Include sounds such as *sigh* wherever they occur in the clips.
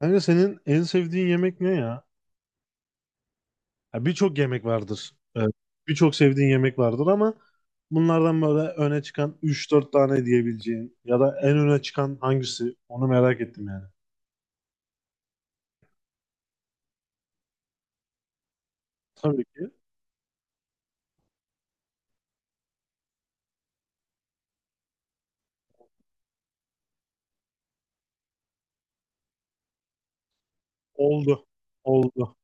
Kanka senin en sevdiğin yemek ne ya? Ya birçok yemek vardır. Evet. Birçok sevdiğin yemek vardır ama bunlardan böyle öne çıkan üç dört tane diyebileceğin ya da en öne çıkan hangisi? Onu merak ettim yani. Tabii ki. Oldu. Oldu.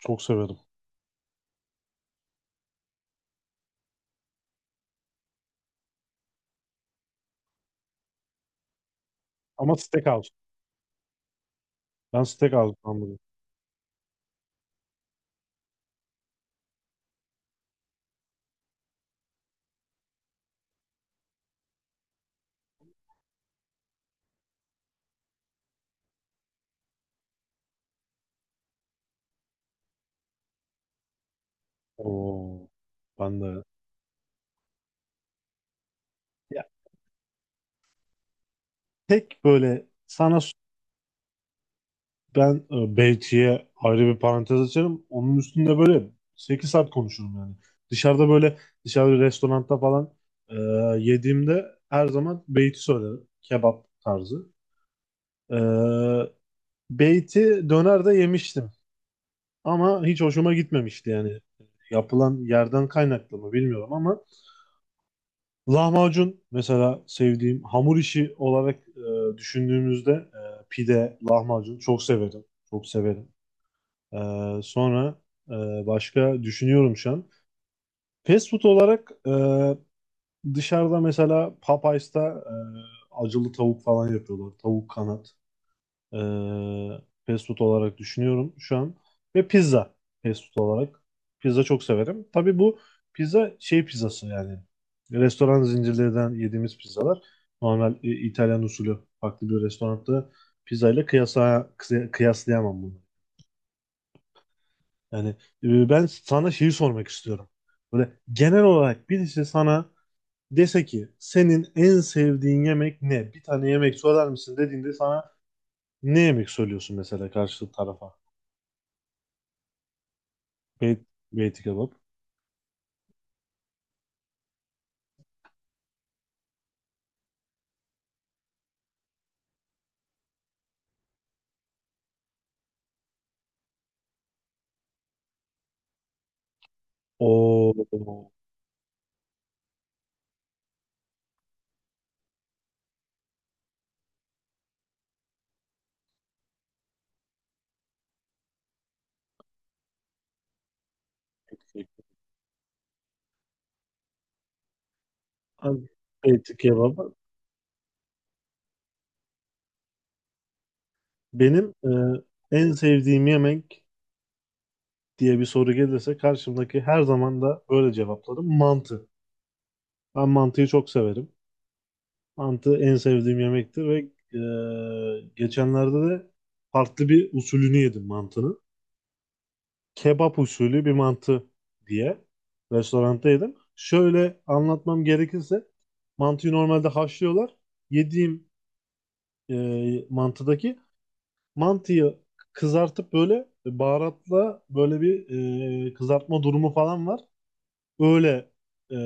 Çok severim. Ama steakhouse. Ben steakhouse hamburger. Oo, ben de. Ya tek böyle sana, ben Belçika'ya ayrı bir parantez açarım. Onun üstünde böyle 8 saat konuşurum yani. Dışarıda böyle bir restoranda falan e, yediğimde her zaman beyti söylerim. Kebap tarzı. E, Beyti dönerde yemiştim. Ama hiç hoşuma gitmemişti yani. Yapılan yerden kaynaklı mı bilmiyorum ama lahmacun mesela, sevdiğim hamur işi olarak düşündüğümüzde pide, lahmacun çok severim. Çok severim. Sonra başka düşünüyorum şu an. Fast food olarak, dışarıda mesela Popeyes'ta acılı tavuk falan yapıyorlar. Tavuk kanat. E, Fast food olarak düşünüyorum şu an. Ve pizza, fast food olarak. Pizza çok severim. Tabii bu pizza şey pizzası yani. Restoran zincirlerinden yediğimiz pizzalar. Normal İtalyan usulü farklı bir restoranda pizzayla kıyaslayamam. Yani ben sana şeyi sormak istiyorum. Böyle genel olarak birisi sana dese ki senin en sevdiğin yemek ne? Bir tane yemek söyler misin dediğinde sana ne yemek söylüyorsun mesela karşı tarafa? Bey- Beyti kebap. Oo. Abi, beyti kebap. Benim en sevdiğim yemek diye bir soru gelirse karşımdaki, her zaman da böyle cevaplarım, mantı. Ben mantıyı çok severim. Mantı en sevdiğim yemektir ve geçenlerde de farklı bir usulünü yedim mantının. Kebap usulü bir mantı diye restoranda yedim. Şöyle anlatmam gerekirse mantıyı normalde haşlıyorlar. Yediğim mantıdaki mantıyı kızartıp böyle baharatla böyle bir kızartma durumu falan var. Öyle e,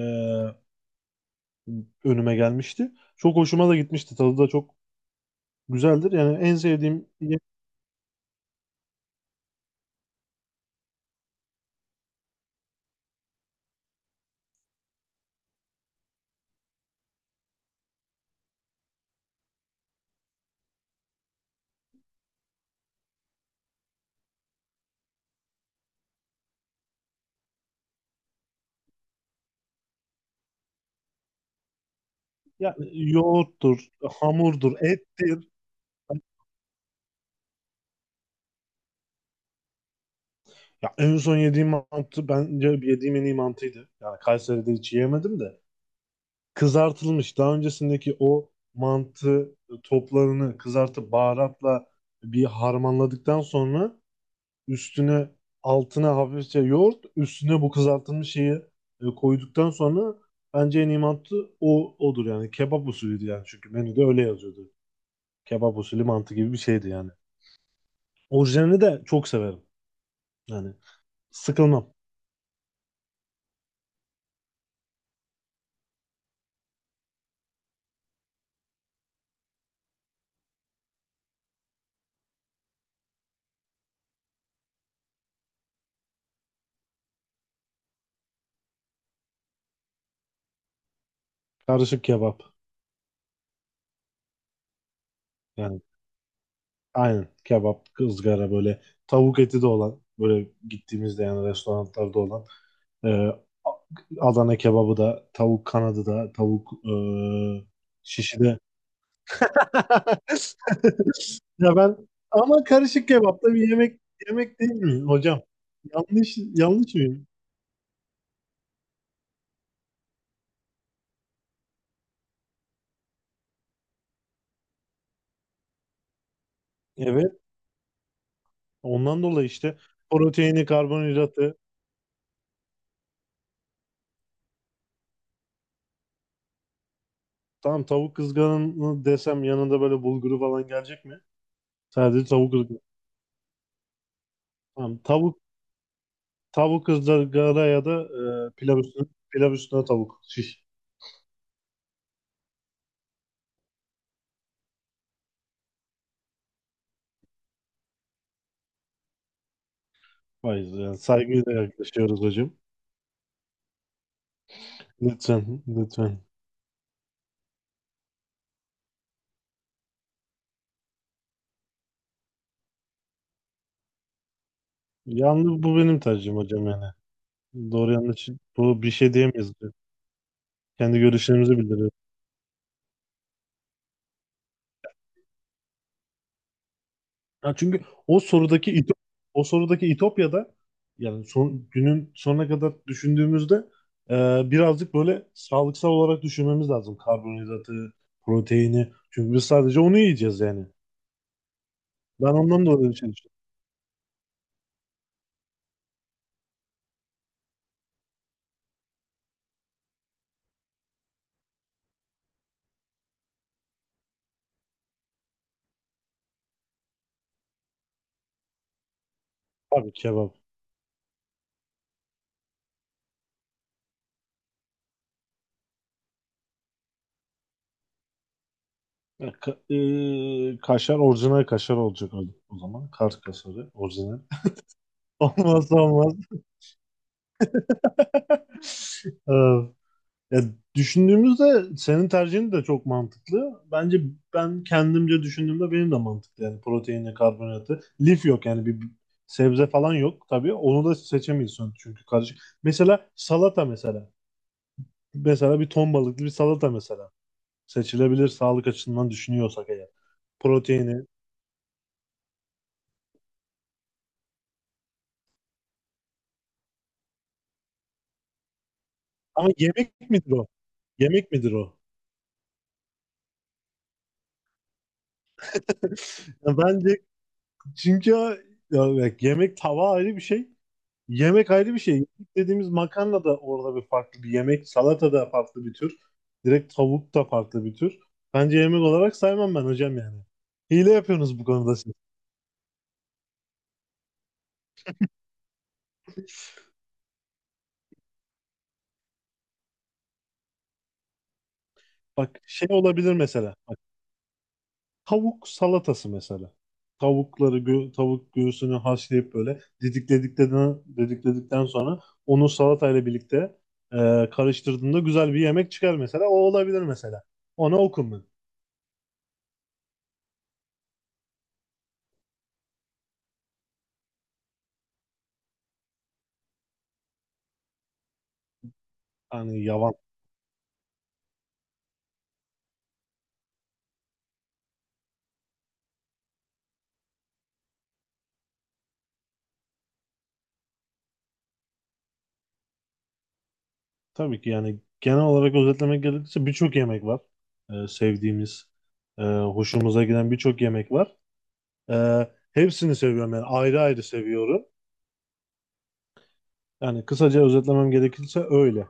önüme gelmişti. Çok hoşuma da gitmişti. Tadı da çok güzeldir. Yani en sevdiğim yemek. Ya yoğurttur, hamurdur, ettir. Ya en son yediğim mantı bence yediğim en iyi mantıydı. Yani Kayseri'de hiç yemedim de. Kızartılmış daha öncesindeki o mantı toplarını kızartıp baharatla bir harmanladıktan sonra üstüne, altına hafifçe yoğurt, üstüne bu kızartılmış şeyi koyduktan sonra, bence en iyi mantı odur yani. Kebap usulüydü yani, çünkü menüde öyle yazıyordu. Kebap usulü mantı gibi bir şeydi yani. Orijinalini de çok severim. Yani sıkılmam. Karışık kebap. Yani aynen kebap, ızgara, böyle tavuk eti de olan, böyle gittiğimizde yani restoranlarda olan, e, A- Adana kebabı da, tavuk kanadı da, tavuk şişi de. *laughs* Ya ben, ama karışık kebap da bir yemek değil mi hocam? Yanlış mıyım? Evet. Ondan dolayı işte proteini, karbonhidratı. Tamam, tavuk kızgarını desem yanında böyle bulguru falan gelecek mi? Sadece tavuk ızgara. Tamam. Tavuk ızgara ya da pilav üstüne tavuk. Şiş. Hayır yani saygıyla yaklaşıyoruz hocam. Lütfen, lütfen. Yalnız bu benim tercihim hocam yani. Doğru yanlış bu, bir şey diyemeyiz hocam. Kendi görüşlerimizi bildiriyoruz. Ya çünkü o sorudaki İto- o sorudaki İtopya'da, yani son, günün sonuna kadar düşündüğümüzde birazcık böyle sağlıksal olarak düşünmemiz lazım. Karbonhidratı, proteini. Çünkü biz sadece onu yiyeceğiz yani. Ben ondan dolayı şey düşündüm. Tabii kebap. E, ka- kaşar, orijinal kaşar olacak o zaman. Kars kaşarı orijinal. *laughs* Olmazsa olmaz. Ee, Ya düşündüğümüzde senin tercihin de çok mantıklı. Bence ben kendimce düşündüğümde benim de mantıklı. Yani proteini, karbonatı. Lif yok yani, bir sebze falan yok tabii. Onu da seçemiyorsun çünkü karışık. Mesela salata mesela. Mesela bir ton balıklı bir salata mesela. Seçilebilir sağlık açısından düşünüyorsak eğer. Proteini. Ama yemek midir o? Yemek midir o? Ya bence, çünkü ya bak, yemek tava ayrı bir şey. Yemek ayrı bir şey. Yemek dediğimiz, makarna da orada bir farklı bir yemek. Salata da farklı bir tür. Direkt tavuk da farklı bir tür. Bence yemek olarak saymam ben hocam yani. Hile yapıyorsunuz bu konuda siz. Bak şey olabilir mesela. Tavuk salatası mesela. Tavuk göğsünü haşlayıp böyle didikledikten sonra onu salatayla birlikte e, karıştırdığında güzel bir yemek çıkar mesela. O olabilir mesela. Ona okum ben. Hani yavan. Tabii ki, yani genel olarak özetlemek gerekirse, birçok yemek var. Sevdiğimiz, hoşumuza giden birçok yemek var. E, Hepsini seviyorum yani, ayrı ayrı seviyorum. Yani kısaca özetlemem gerekirse öyle.